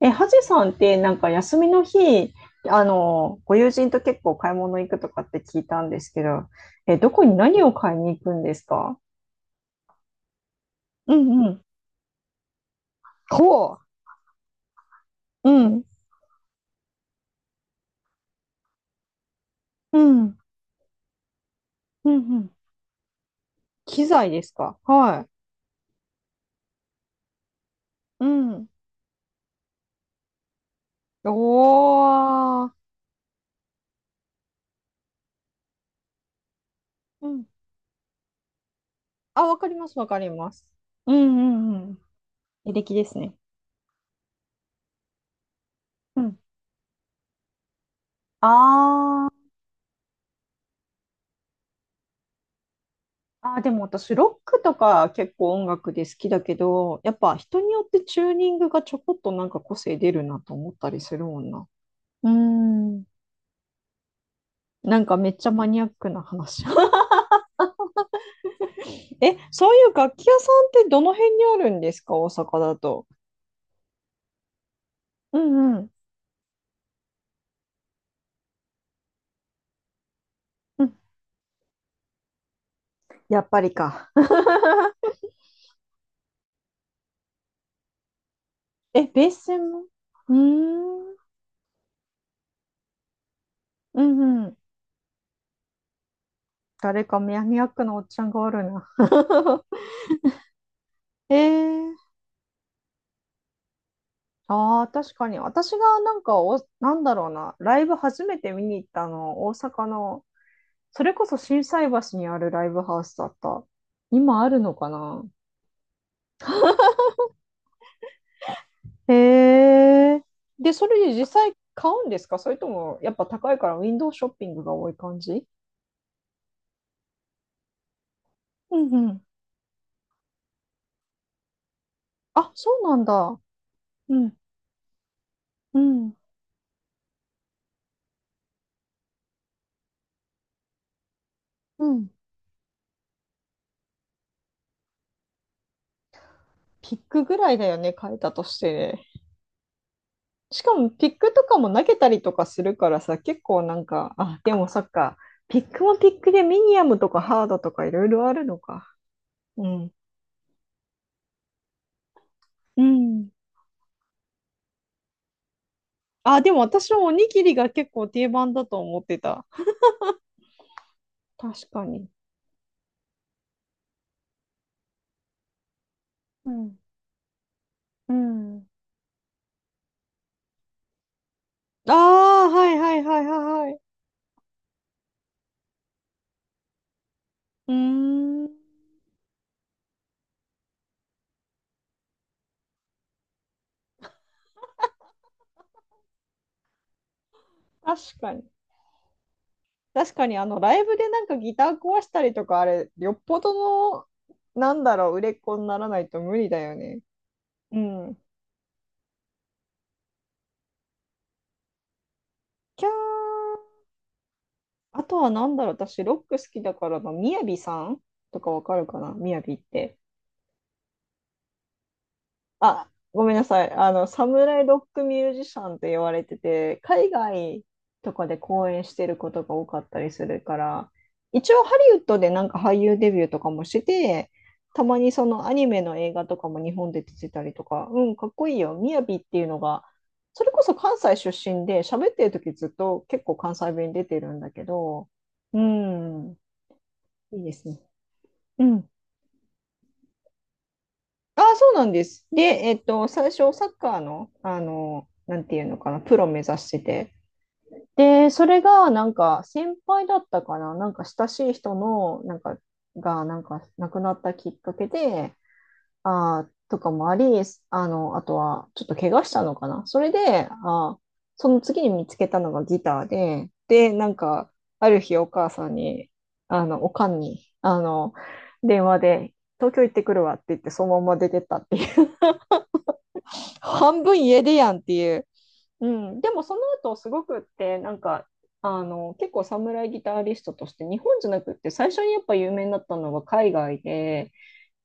ハジさんってなんか休みの日、ご友人と結構買い物行くとかって聞いたんですけど、どこに何を買いに行くんですか？うんうん。ほう。うん。うん。うんうん。機材ですか？はい。うん。おー。うん。あ、わかります、わかります。うんうんうん。履歴ですね。うん。ああー。ああ、でも私、ロックとか結構音楽で好きだけど、やっぱ人によってチューニングがちょこっとなんか個性出るなと思ったりするもんな。うーん。なんかめっちゃマニアックな話。そういう楽器屋さんってどの辺にあるんですか、大阪だと？うんうん。うん。やっぱりか。え、ベース専門。うーん。うんうん。誰かマニアックなおっちゃんがおるな。えー。ああ、確かに。私がなんかなんだろうな、ライブ初めて見に行ったの、大阪の、それこそ心斎橋にあるライブハウスだった。今あるのかな。へえ。で、それで実際買うんですか？それとも、やっぱ高いからウィンドウショッピングが多い感じ？うんうん。あ、そうなんだ。うん、うん、うん。ピックぐらいだよね、買えたとして。しかもピックとかも投げたりとかするからさ、結構なんか、あ、でもそっか、ピックもピックでミニアムとかハードとかいろいろあるのか。うん。うん。あ、でも私もおにぎりが結構定番だと思ってた。確かに。うん。うん。ああ、はいはいはいはいはい。うーん。確かに。確かに、ライブでなんかギター壊したりとか、あれ、よっぽどの、なんだろう、売れっ子にならないと無理だよね。うん。キャー。あとはなんだろう、私、ロック好きだからな、みやびさんとかわかるかな、みやびって？あ、ごめんなさい、サムライロックミュージシャンって言われてて、海外とかで公演してることが多かったりするから、一応ハリウッドでなんか俳優デビューとかもしてて、たまにそのアニメの映画とかも日本で出てたりとか、うん、かっこいいよ、みやびっていうのが、それこそ関西出身で、喋ってる時ずっと結構関西弁出てるんだけど、うん、いいですね。うん。ああ、そうなんです。で、最初、サッカーの、なんていうのかな、プロ目指してて。で、それが、なんか、先輩だったかな、なんか、親しい人の、なんか、が、なんか、亡くなったきっかけで、あーとかもあり、あとは、ちょっと怪我したのかな。それで、あー、その次に見つけたのがギターで、で、なんか、ある日お母さんに、おかんに、電話で、東京行ってくるわって言って、そのまま出てったっていう。半分家出やんっていう。うん。でも、その後、すごくって、なんか、結構侍ギタリストとして、日本じゃなくって、最初にやっぱ有名になったのが海外で、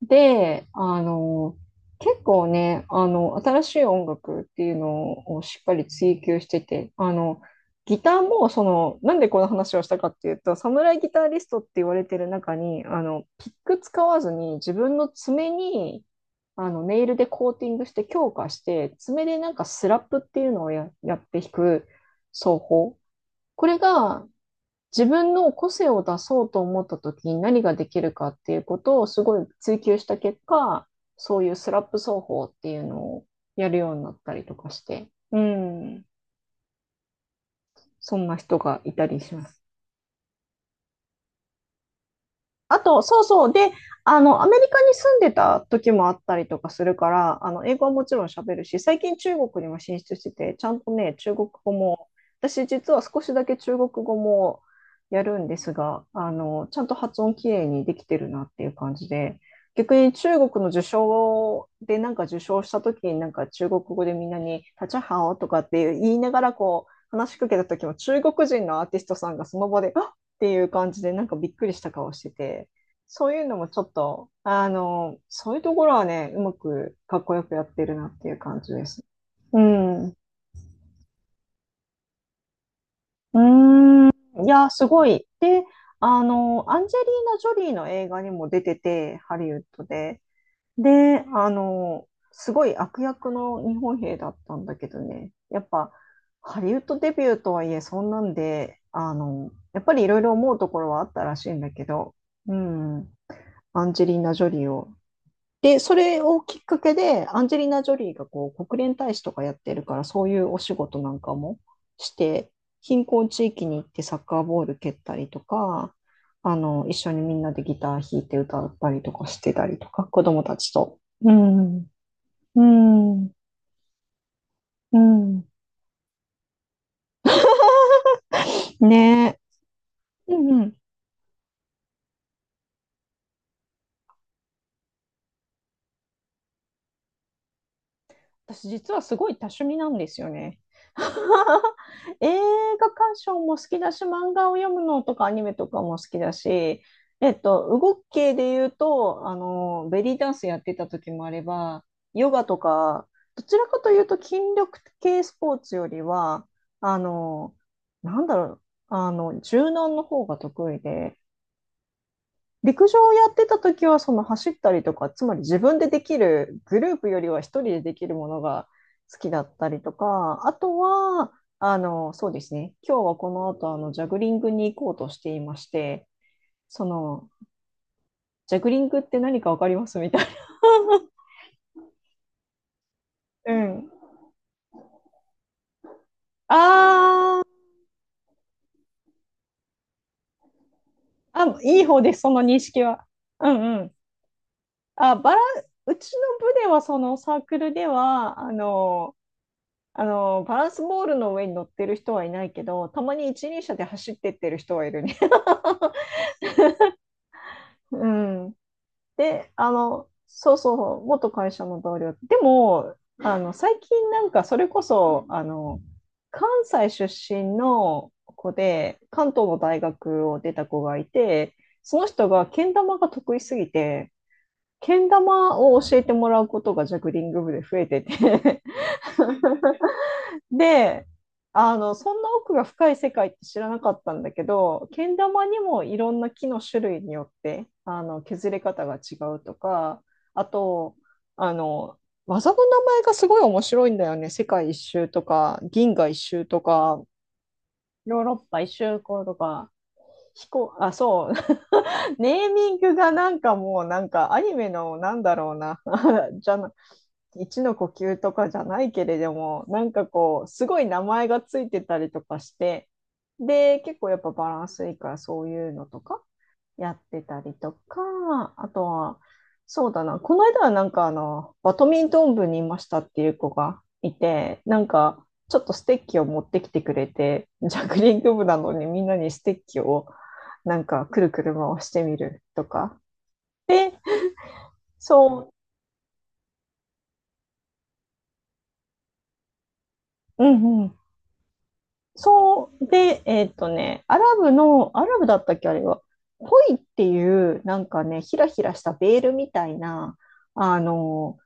で、結構ね、新しい音楽っていうのをしっかり追求してて、ギターも、その、なんでこの話をしたかっていうと、侍ギタリストって言われてる中に、ピック使わずに自分の爪に、ネイルでコーティングして強化して、爪でなんかスラップっていうのをやって弾く奏法。これが、自分の個性を出そうと思った時に何ができるかっていうことをすごい追求した結果、そういうスラップ奏法っていうのをやるようになったりとかして、うん、そんな人がいたりします。あと、そうそう。で、アメリカに住んでた時もあったりとかするから、英語はもちろん喋るし、最近中国にも進出してて、ちゃんとね、中国語も、私実は少しだけ中国語もやるんですが、ちゃんと発音きれいにできてるなっていう感じで、逆に中国の受賞でなんか受賞した時になんか中国語でみんなに、タチャハオとかって言いながらこう、話しかけた時も中国人のアーティストさんがその場で、あっていう感じで、なんかびっくりした顔してて、そういうのもちょっと、そういうところはね、うまくかっこよくやってるなっていう感じです。うん。うーん。いや、すごい。で、アンジェリーナ・ジョリーの映画にも出てて、ハリウッドで。で、すごい悪役の日本兵だったんだけどね、やっぱ、ハリウッドデビューとはいえ、そんなんで、やっぱりいろいろ思うところはあったらしいんだけど、うん。アンジェリーナ・ジョリーを。で、それをきっかけで、アンジェリーナ・ジョリーがこう国連大使とかやってるから、そういうお仕事なんかもして、貧困地域に行ってサッカーボール蹴ったりとか、一緒にみんなでギター弾いて歌ったりとかしてたりとか、子供たちと。うん、うん、うん。ねえ。うんうん。私実はすごい多趣味なんですよね。映画鑑賞も好きだし、漫画を読むのとかアニメとかも好きだし、動き系で言うと、ベリーダンスやってた時もあれば、ヨガとか、どちらかというと筋力系スポーツよりは、あの、なんだろう、柔軟の方が得意で、陸上をやってた時は、その走ったりとか、つまり自分でできる、グループよりは一人でできるものが好きだったりとか、あとは、そうですね、今日はこの後、ジャグリングに行こうとしていまして、その、ジャグリングって何かわかります？みたいな。うん。あー、あ、いい方です、その認識は。うんうん。あ、うちの部では、そのサークルでは、バランスボールの上に乗ってる人はいないけど、たまに一輪車で走ってってる人はいるね。うん。で、そうそうそう、元会社の同僚。でも、最近なんかそれこそ、関西出身の子で、関東の大学を出た子がいて、その人がけん玉が得意すぎて、けん玉を教えてもらうことがジャグリング部で増えてて で、そんな奥が深い世界って知らなかったんだけど、けん玉にもいろんな木の種類によって、削れ方が違うとか、あと、あの、技の名前がすごい面白いんだよね。世界一周とか、銀河一周とか、ヨーロッパ一周行とか、飛行、あ、そう、ネーミングがなんかもうなんかアニメのなんだろうな じゃな一の呼吸とかじゃないけれども、なんかこうすごい名前がついてたりとかして、で結構やっぱバランスいいからそういうのとかやってたりとか、あとは、そうだな、この間はなんかバドミントン部にいましたっていう子がいて、なんか、ちょっとステッキを持ってきてくれて、ジャグリング部なのにみんなにステッキをなんかくるくる回してみるとか、そう、うんうん、そう、で、アラブの、アラブだったっけ、あれは。ポイっていう、なんかね、ひらひらしたベールみたいな、あの、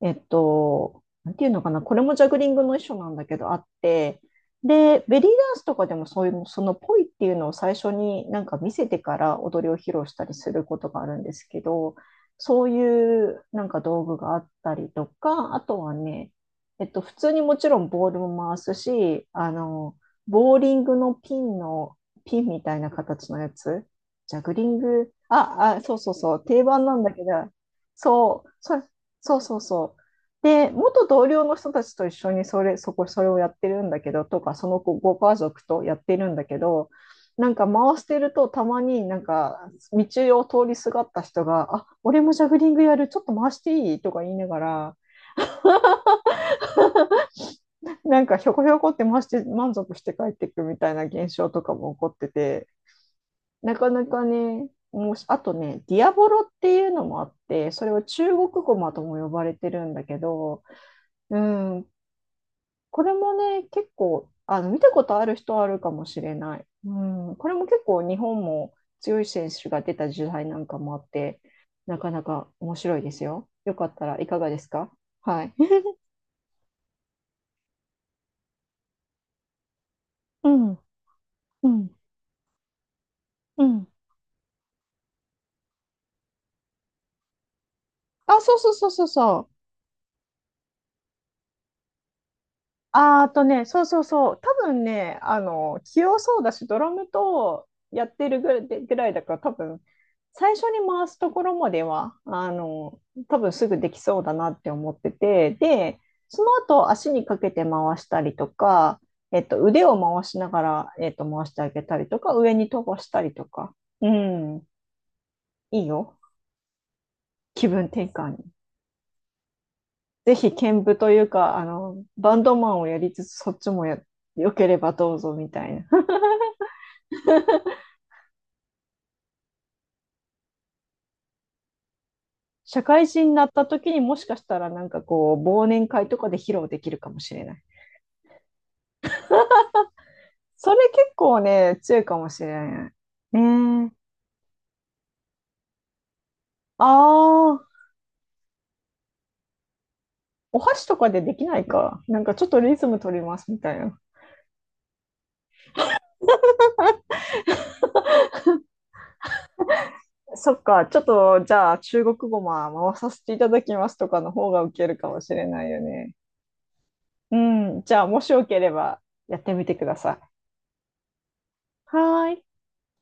なんていうのかな、これもジャグリングの一種なんだけど、あって、で、ベリーダンスとかでもそういう、そのポイっていうのを最初になんか見せてから踊りを披露したりすることがあるんですけど、そういうなんか道具があったりとか、あとはね、普通にもちろんボールも回すし、ボーリングのピンの、ピンみたいな形のやつジャグリング、あ、あ、そうそうそう、定番なんだけど、そう、そ、そうそうそう。で、元同僚の人たちと一緒にそれをやってるんだけど、とか、そのご家族とやってるんだけど、なんか回してると、たまになんか、道を通りすがった人が、あ、俺もジャグリングやる、ちょっと回していいとか言いながら、なんかひょこひょこって回して満足して帰っていくみたいな現象とかも起こってて、なかなかね、もう、あとね、ディアボロっていうのもあって、それは中国語マとも呼ばれてるんだけど、うん、これもね、結構、見たことある人はあるかもしれない。うん、これも結構日本も強い選手が出た時代なんかもあって、なかなか面白いですよ。よかったらいかがですか？はい。うん、うん、うん。あ、そうそうそうそうそう。あーとね、そうそうそう、多分ね、器用そうだし、ドラムとやってるぐらいだから、多分最初に回すところまでは、多分すぐできそうだなって思ってて、で、その後、足にかけて回したりとか、腕を回しながら、回してあげたりとか、上に飛ばしたりとか、うん、いいよ。気分転換に。ぜひ、兼舞というか、バンドマンをやりつつ、そっちもや、よければどうぞみたいな。社会人になった時にもしかしたらなんかこう、忘年会とかで披露できるかもしれない。それ結構ね、強いかもしれない。ねえ。ああ、お箸とかでできないか。なんかちょっとリズム取りますみたいな。そっか、ちょっとじゃあ中国語も回させていただきますとかの方がウケるかもしれないよね。うん、じゃあもしよければやってみてください。はーい。